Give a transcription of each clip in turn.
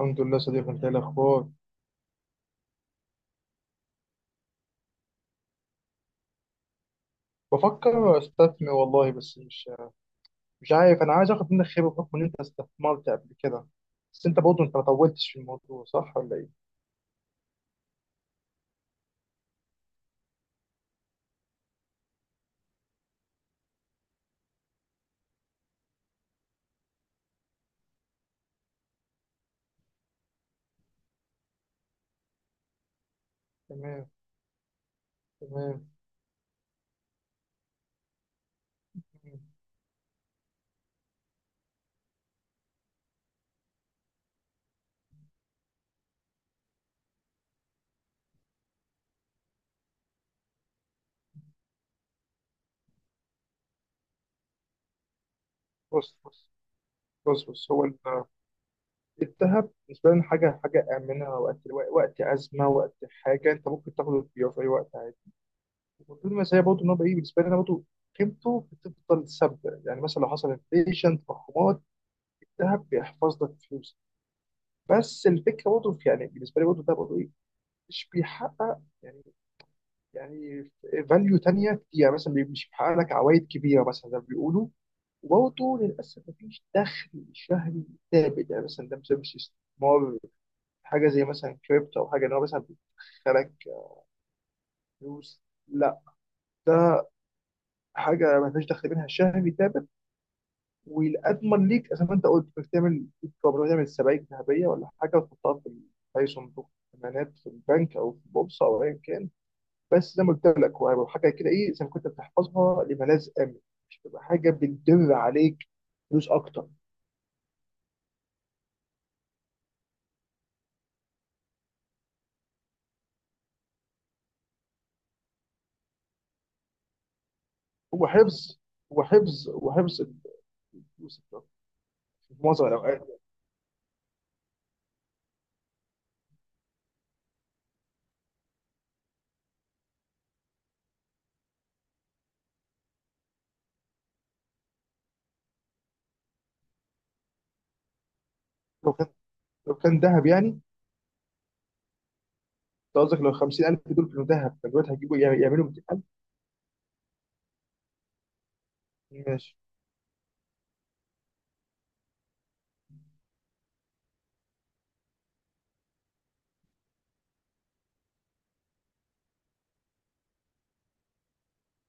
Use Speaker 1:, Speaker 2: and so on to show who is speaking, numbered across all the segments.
Speaker 1: الحمد لله صديقي. انت ايه الاخبار؟ بفكر استثمر والله بس مش عارف. انا عايز اخد منك خبره بحكم ان انت استثمرت قبل كده. بس انت برضه انت ما طولتش في الموضوع، صح ولا ايه؟ تمام. تمام. مم. بص بص. بص بص، الذهب بالنسبه لنا حاجه امنه وقت وقت ازمه، وقت حاجه انت ممكن تاخده وتبيعه في اي وقت عادي. وطول ما هي برضه ان هو بقى ايه بالنسبه لنا برضه، قيمته بتفضل ثابته. يعني مثلا لو حصل انفليشن، تضخمات، الذهب بيحفظ لك فلوسك. بس الفكره برضه يعني بالنسبه لي برضه، ده برضه ايه، مش بيحقق يعني، يعني فاليو تانيه كتير. يعني مثلا مش بيحقق لك عوائد كبيره مثلا زي ما بيقولوا. وبرضه للاسف مفيش دخل شهري ثابت. يعني مثلا ده بسبب استثمار، حاجه زي مثلا كريبتو، او حاجه ان هو مثلا بيدخلك فلوس. لا، ده حاجه ما فيش دخل منها شهري ثابت. والأضمن ليك زي ما انت قلت، انك تعمل، بتقدر تعمل سبائك ذهبيه ولا حاجه وتحطها في اي صندوق امانات في البنك او في البورصه او ايا كان. بس زي ما قلت لك، هو هيبقى حاجه كده ايه، زي ما كنت بتحفظها لملاذ امن، مش تبقى حاجه بتدر عليك فلوس اكتر. هو حفظ. هو حفظ الفلوس أكتر في معظم الاوقات. لو كان لو كان ذهب يعني. أنت قصدك لو 50,000 دول كانوا ذهب، كان دلوقتي هتجيبوا يعملوا 200,000؟ ماشي.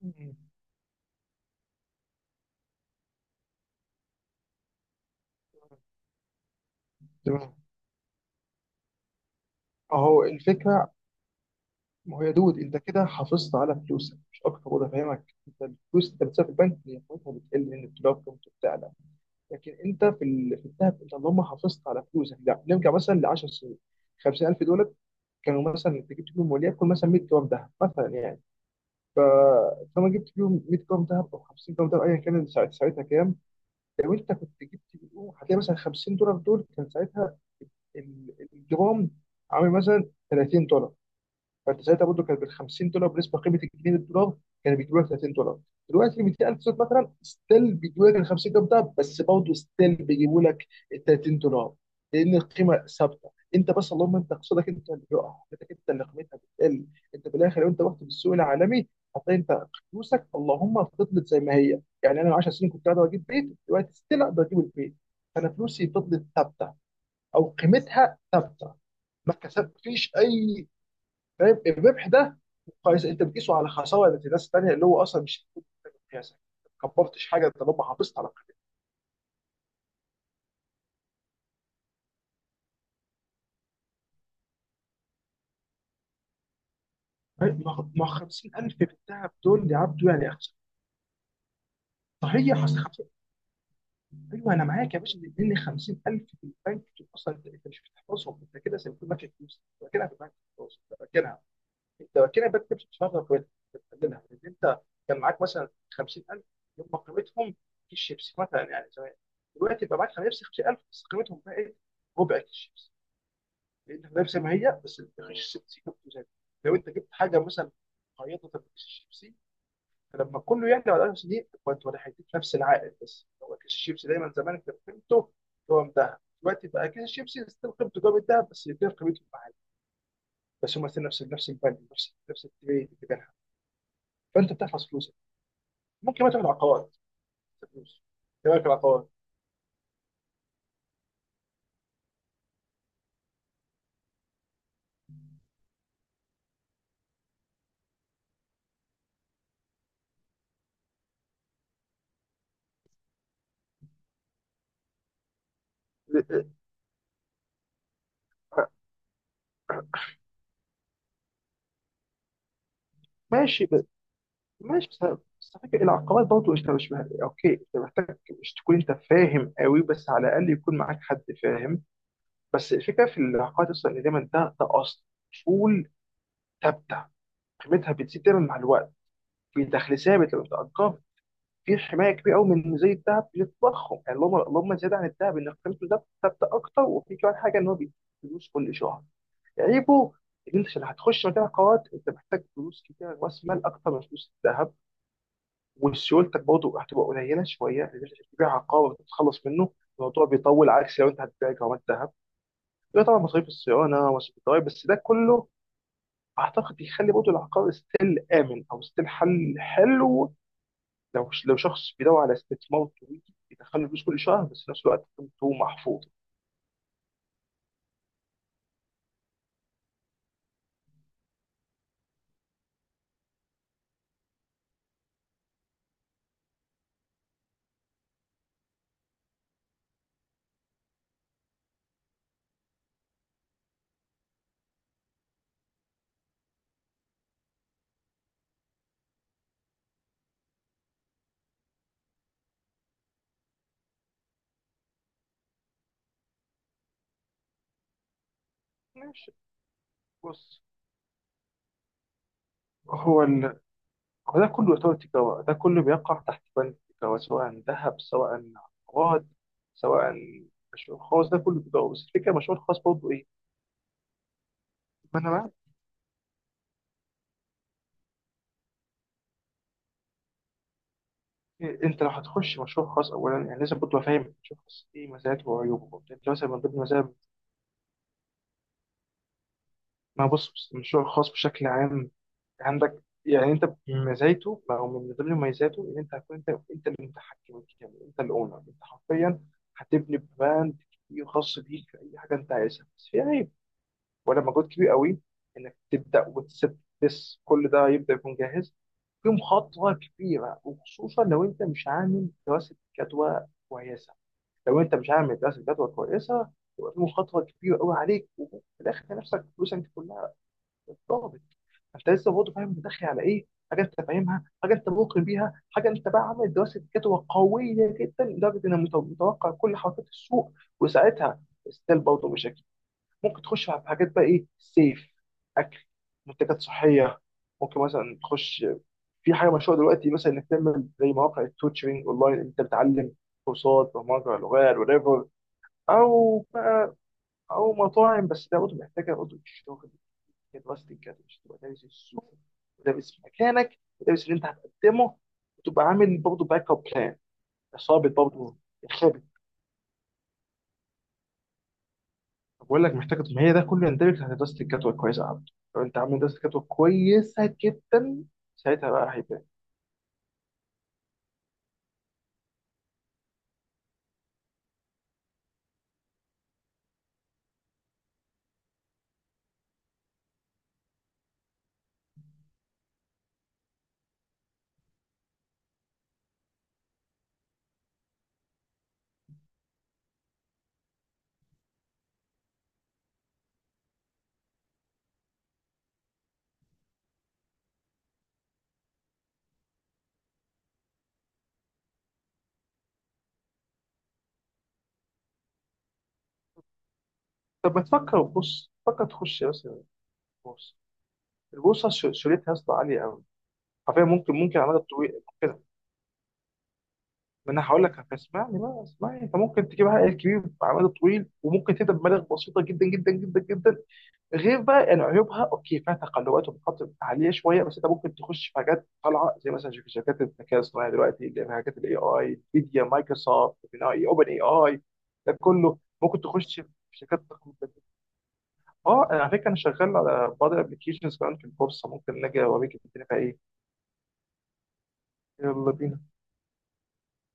Speaker 1: مم. تمام. اهو الفكره. ما هو يا دود، انت كده حافظت على فلوسك مش اكتر. وده فاهمك، انت الفلوس انت بتسيبها في البنك هي قيمتها بتقل، لان الدولار قيمته بتعلى. لكن انت في الذهب انت اللهم حافظت على فلوسك. لا نرجع مثلا ل 10 سنين. 50,000 دولار كانوا، مثلا انت جبت فيهم وليكن مثلا 100 جرام ذهب مثلا يعني. ف- فلما جبت فيهم 100 جرام ذهب او 50 جرام ذهب ايا كان، ساعتها كام؟ لو انت كنت جبت فيهم، هتلاقي مثلا 50 دولار دول كان ساعتها الجرام عامل مثلا 30 دولار. فانت ساعتها برضه كانت بال 50 دولار بالنسبه لقيمه الجنيه للدولار، كان بيجيب لك 30 دولار. دلوقتي 200,000 زوت مثلا ستيل بيجيبوا لك ال 50 دولار ده، بس برضه ستيل بيجيبوا لك ال 30 دولار، لان القيمه ثابته. انت بس اللهم انت اقتصادك انت اللي بيقع، قيمتك انت اللي قيمتها بتقل. انت بالاخر لو انت رحت بالسوق العالمي، هتلاقي انت فلوسك اللهم فضلت زي ما هي. يعني انا من 10 سنين كنت قادر اجيب بيت، دلوقتي ستيل اقدر اجيب البيت. فانا فلوسي فضلت ثابته، او قيمتها ثابته. ما كسبتش اي. فاهم الربح ده، قيس انت بتقيسه على خساره الناس الثانيه اللي هو اصلا مش هتكون قياسك. ما كبرتش حاجه، انت لما حافظت على قيمتك ما 50,000 في الذهب دول، يا عبدو، يعني صحيح. اصل 50، ايوه انا معاك يا باشا. لان 50,000 في البنك دول اصلا انت، أنت مش بتحفظهم، انت كده زي ما تكون ماسك فلوس أنت راكنها في البنك. خلاص انت راكنها. انت راكنها بنك، مش بتفرغ قيمتها، أنت بتقللها. لان انت كان معاك مثلا 50,000 يوم ما قيمتهم كيس شيبسي مثلا يعني زمان. دلوقتي بقى معاك 50,000 بس قيمتهم بقى ايه؟ ربع كيس شيبسي. لقيتها نفس ما هي، بس الرغيف سيكون زي. لو انت جبت حاجه مثلا، خيطه كيس الشيبسي، فلما كله يعلى على 1000 سنين، كنت ولا هيديك نفس العائد، بس هو كيس الشيبسي دايما زمان انت قيمته. هو مذهب دلوقتي، بقى كيس الشيبسي ستيل قيمته جاب الذهب بس يدير قيمته معاه. بس هم ستيل نفس نفس الفاليو، نفس نفس التبادل بتاعها. فانت بتحفظ فلوسك، ممكن ما تعمل عقارات فلوس. ايه رايك في العقارات؟ ماشي. ماشي. بس بس، فاكر العقبات برضه انت مش اوكي، انت محتاج مش تكون انت فاهم قوي، بس على الاقل يكون معاك حد فاهم. بس الفكره في العقبات اصلا، ان دايما ده اصول ثابته، قيمتها بتزيد دايما مع الوقت، في دخل ثابت لما بتأجر، في حمايه كبيره قوي من زي الذهب للتضخم. يعني اللهم زياده عن الذهب ان قيمته ده ثابته اكتر، وفي كمان حاجه ان هو بيديك فلوس كل شهر. عيبه ان انت عشان هتخش مجال العقارات، انت محتاج فلوس كتير، راس مال اكتر من فلوس الذهب. وسيولتك برضه هتبقى قليله شويه، لان انت بتبيع عقار وتتخلص منه، الموضوع بيطول، عكس لو انت هتبيع جرامات ذهب. يبقى طبعا مصاريف الصيانه، مصاريف الضرايب، بس ده كله اعتقد يخلي برضه العقار ستيل امن، او ستيل حل حلو لو شخص بيدور على استثمار طويل يدخل له فلوس كل شهر، بس في نفس الوقت قيمته محفوظ. ماشي. بص، هو ال... هو ده كله يعتبر تجاره، ده كله بيقع تحت بند التجاره، سواء ذهب، سواء عقارات، سواء مشروع خاص، ده كله تجاره. بس الفكره، المشروع الخاص برضه إيه؟ ما انا بقى، انت لو هتخش مشروع خاص اولا يعني لازم برضه فاهم المشروع الخاص ايه، مزاياته وعيوبه وبتاع. انت مثلا من ضمن مزايا، ما بص بص، المشروع الخاص بشكل عام، عندك يعني انت مزايته او من ضمن مميزاته ان انت هتكون انت، انت المتحكم الكامل، انت الاونر. انت حرفيا هتبني براند كبير خاص بيك في اي حاجه انت عايزها. بس في عيب، ولا مجهود كبير قوي، انك تبدا وتسيب بس كل ده يبدا يكون جاهز. في مخاطره كبيره، وخصوصا لو انت مش عامل دراسه جدوى كويسه. لو انت مش عامل دراسه جدوى كويسه، يبقى في مخاطره كبيره قوي عليك، وفي الاخر تلاقي نفسك فلوسك دي كلها اتضربت. فانت لسه برضه فاهم انت داخل على ايه، حاجه انت فاهمها، حاجه انت موقن بيها، حاجه انت بقى عامل دراسه جدوى قويه جدا لدرجه انك متوقع كل حركات السوق. وساعتها ستيل برضه مشاكل. ممكن تخش في حاجات بقى ايه، سيف، اكل، منتجات صحيه. ممكن مثلا تخش في حاجه مشهوره دلوقتي، مثلا انك تعمل زي مواقع التوتشرنج اونلاين، انت بتعلم كورسات برمجه، لغات، whatever. او او مطاعم. بس ده برضه محتاجه برضه الشغل، دراستك كده مش تبقى دارس السوق، ودارس مكانك، ودارس اللي انت هتقدمه، وتبقى عامل برضه باك اب بلان. اصابه برضه الخابت. طب بقول لك محتاجه، ما هي ده كله يندرج تحت دراسه الجدوى كويسه، يا عبد. لو انت عامل دراسه جدوى كويسه جدا، ساعتها بقى هيبان. طب ما تفكر، بص فكر تخش مثلا البورصه. البورصه شريتها يا اسطى عاليه قوي. حرفيا ممكن على المدى الطويل. ما انا هقول لك، فاسمعني بقى، اسمعني. انت ممكن تجيب عقل كبير بعمل طويل، وممكن تبدا بمبالغ بسيطه جدا جدا جدا جدا. غير بقى ان عيوبها اوكي فيها تقلبات ومخاطر عاليه شويه، بس انت ممكن تخش في حاجات طالعه، زي مثلا شوف شركات الذكاء الصناعي دلوقتي اللي هي حاجات الاي اي، نفيديا، مايكروسوفت، اوبن اي اي. ده كله ممكن تخش في شركات تقنية. اه، أنا على فكره انا شغال على بعض الابلكيشنز كمان في البورصه، ممكن نجي اوريك الدنيا فيها ايه. يلا بينا.